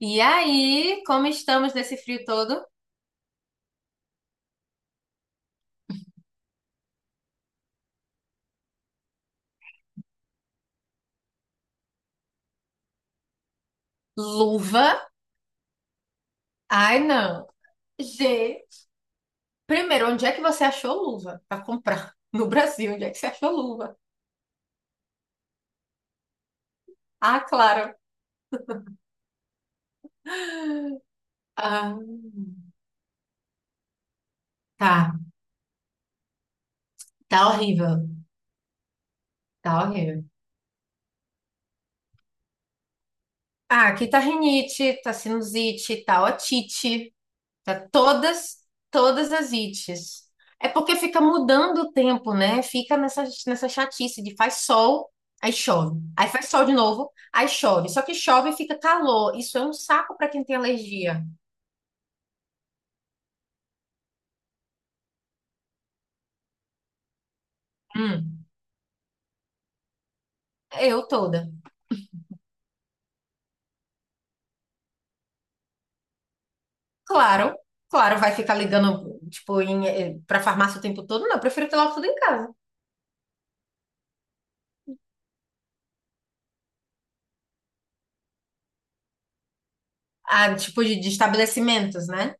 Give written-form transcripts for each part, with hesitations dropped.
E aí, como estamos nesse frio todo? Luva? Ai, não. Gente, primeiro, onde é que você achou luva pra comprar? No Brasil, onde é que você achou luva? Ah, claro. Ah, tá. Tá horrível. Tá horrível. Ah, aqui tá rinite, tá sinusite, tá otite. Tá todas, todas as ites. É porque fica mudando o tempo, né? Fica nessa chatice de faz sol, aí chove. Aí faz sol de novo, aí chove. Só que chove e fica calor. Isso é um saco para quem tem alergia. Hum, eu toda. Claro, claro, vai ficar ligando, tipo, pra farmácia o tempo todo? Não, eu prefiro ter logo tudo em casa. Ah, tipo de estabelecimentos, né?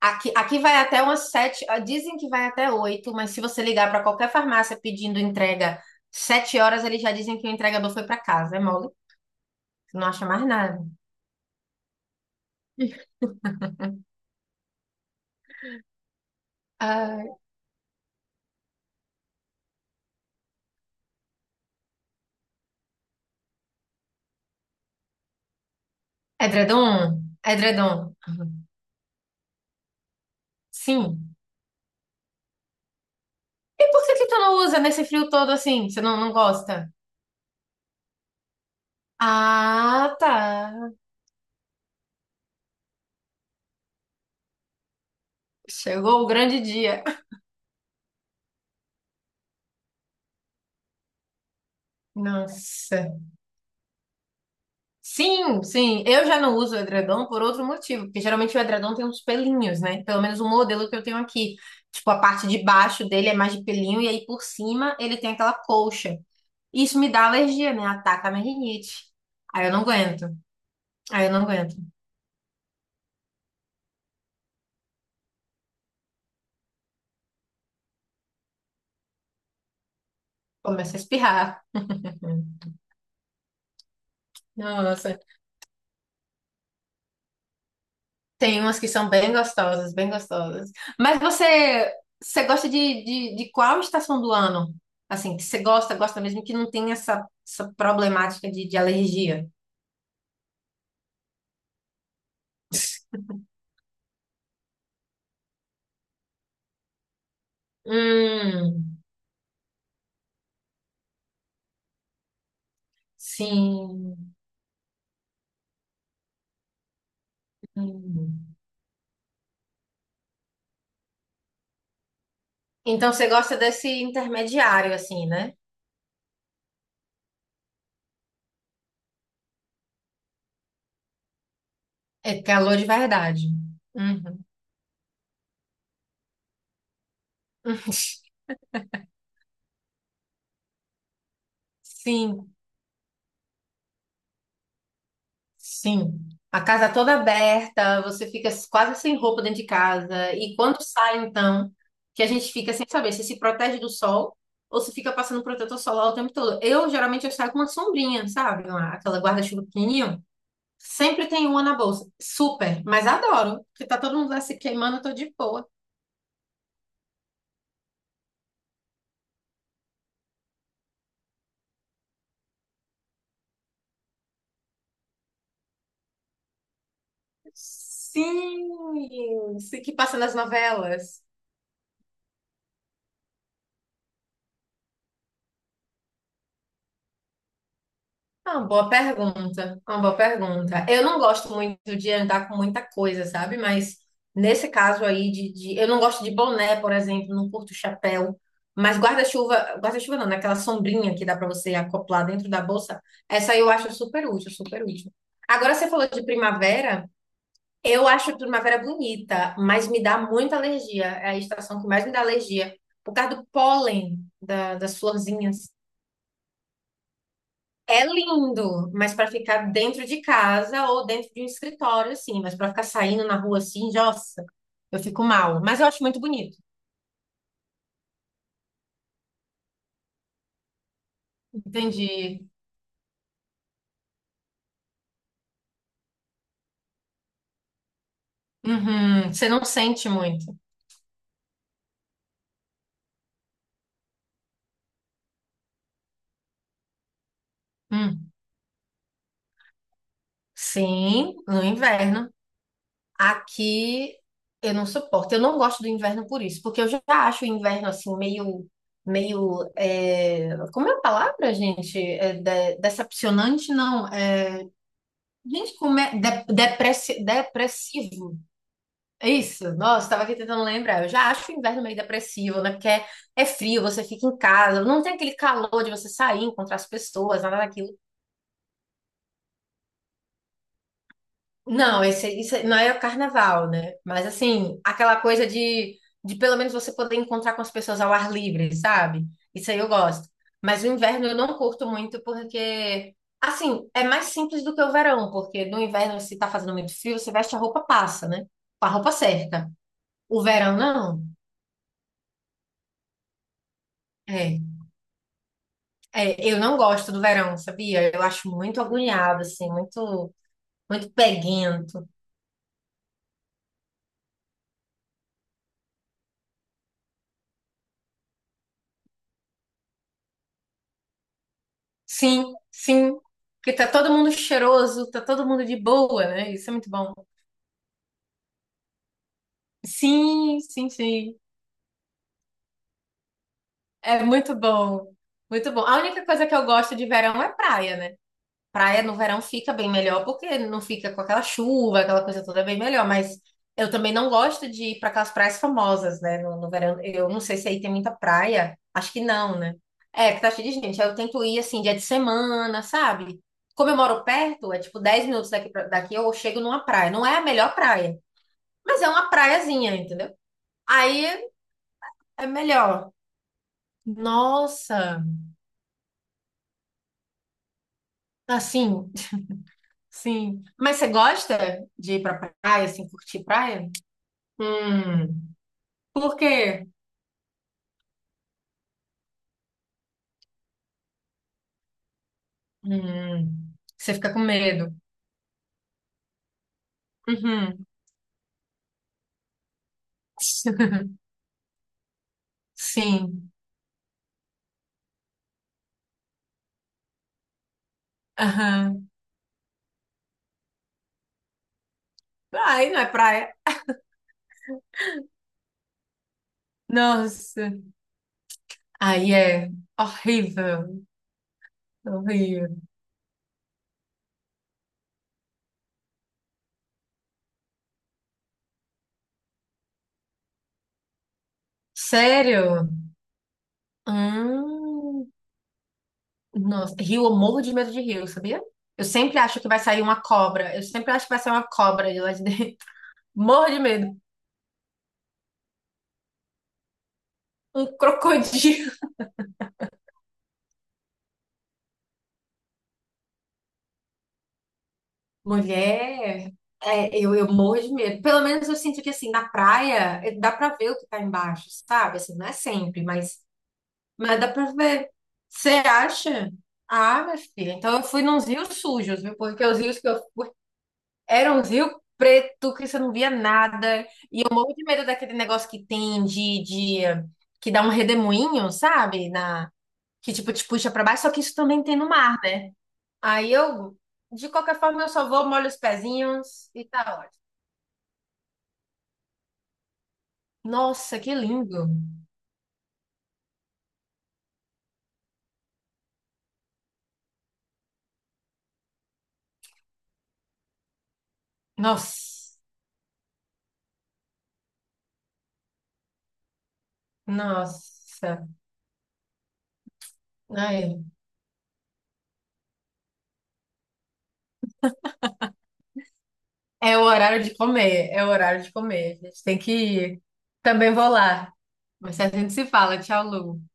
Aqui, aqui vai até umas sete, ah, dizem que vai até oito, mas se você ligar para qualquer farmácia pedindo entrega sete horas, eles já dizem que o entregador foi para casa, é mole? Não acha mais nada. Ah, edredom, edredom. Sim. E por que que tu não usa nesse frio todo assim? Você não, não gosta? Ah, tá. Chegou o grande dia. Nossa. Sim, sim. Eu já não uso edredom por outro motivo, porque geralmente o edredom tem uns pelinhos, né? Pelo menos o modelo que eu tenho aqui. Tipo, a parte de baixo dele é mais de pelinho e aí por cima ele tem aquela colcha. Isso me dá alergia, né? Ataca a minha rinite. Aí eu não aguento. Aí eu não aguento começa a espirrar. Nossa. Tem umas que são bem gostosas, bem gostosas. Mas você, você gosta de qual estação do ano? Assim, que você gosta, gosta mesmo que não tem essa, essa problemática de alergia. Hum, sim. Hum. Então você gosta desse intermediário, assim, né? É calor de verdade. Uhum. Sim, sim. A casa toda aberta, você fica quase sem roupa dentro de casa. E quando sai, então, que a gente fica sem saber se se protege do sol ou se fica passando protetor solar o tempo todo. Eu, geralmente, eu saio com uma sombrinha, sabe? Uma aquela guarda-chuva pequenininho. Sempre tem uma na bolsa. Super, mas adoro, porque tá todo mundo lá se queimando, eu tô de boa. Sim, se que passa nas novelas. É uma boa pergunta, é uma boa pergunta. Eu não gosto muito de andar com muita coisa, sabe? Mas nesse caso aí eu não gosto de boné, por exemplo, não curto chapéu, mas guarda-chuva, guarda-chuva não, naquela sombrinha que dá pra você acoplar dentro da bolsa, essa aí eu acho super útil, super útil. Agora você falou de primavera, eu acho a primavera bonita, mas me dá muita alergia. É a estação que mais me dá alergia. Por causa do pólen da- das florzinhas. É lindo, mas para ficar dentro de casa ou dentro de um escritório, assim. Mas para ficar saindo na rua assim, nossa, eu fico mal. Mas eu acho muito bonito. Entendi. Uhum, você não sente muito. Hum. Sim, no inverno. Aqui eu não suporto. Eu não gosto do inverno por isso, porque eu já acho o inverno assim meio, como é a palavra, gente? É de- decepcionante, não? Gente, como é de- depressi- depressivo? É isso. Nossa, estava aqui tentando lembrar. Eu já acho o inverno meio depressivo, né? Porque é frio, você fica em casa, não tem aquele calor de você sair, encontrar as pessoas, nada daquilo. Não, esse, isso não é o carnaval, né? Mas assim, aquela coisa de pelo menos você poder encontrar com as pessoas ao ar livre, sabe? Isso aí eu gosto. Mas o inverno eu não curto muito porque, assim, é mais simples do que o verão, porque no inverno, se tá fazendo muito frio, você veste a roupa passa, né? Com a roupa certa. O verão, não. É, eu não gosto do verão, sabia? Eu acho muito agoniado, assim, muito, muito peguento. Sim, sim. Porque tá todo mundo cheiroso, tá todo mundo de boa, né? Isso é muito bom. Sim, sim, sim. É muito bom. Muito bom. A única coisa que eu gosto de verão é praia, né? Praia no verão fica bem melhor, porque não fica com aquela chuva, aquela coisa toda é bem melhor, mas eu também não gosto de ir para aquelas praias famosas, né? No verão, eu não sei se aí tem muita praia, acho que não, né? É, que tá cheio de gente. Aí eu tento ir assim, dia de semana, sabe? Como eu moro perto, é tipo 10 minutos daqui, pra- daqui eu chego numa praia. Não é a melhor praia, mas é uma praiazinha, entendeu? Aí é melhor. Nossa, assim, sim. Mas você gosta de ir pra praia, assim, curtir praia? Hum. Por quê? Hum. Você fica com medo. Uhum. Sim. Aham. Aí não é praia. Nossa. Aí é horrível. Horrível. Sério? Hum. Nossa. Rio, eu morro de medo de rio, sabia? Eu sempre acho que vai sair uma cobra. Eu sempre acho que vai sair uma cobra de lá de dentro. Morro de medo. Um crocodilo. Mulher, eu morro de medo. Pelo menos eu sinto que, assim, na praia, dá pra ver o que tá embaixo, sabe? Assim, não é sempre, mas dá pra ver. Você acha? Ah, minha filha, então eu fui nos rios sujos, viu? Porque os rios que eu... Eram uns rios preto que você não via nada. E eu morro de medo daquele negócio que tem de... que dá um redemoinho, sabe? Na... Que, tipo, te puxa pra baixo. Só que isso também tem no mar, né? Aí eu... De qualquer forma, eu só vou, molho os pezinhos e tá ótimo. Nossa, que lindo. Nossa, nossa. Ai, é o horário de comer, é o horário de comer. A gente tem que ir. Também vou lá. Mas a gente se fala. Tchau, Lu.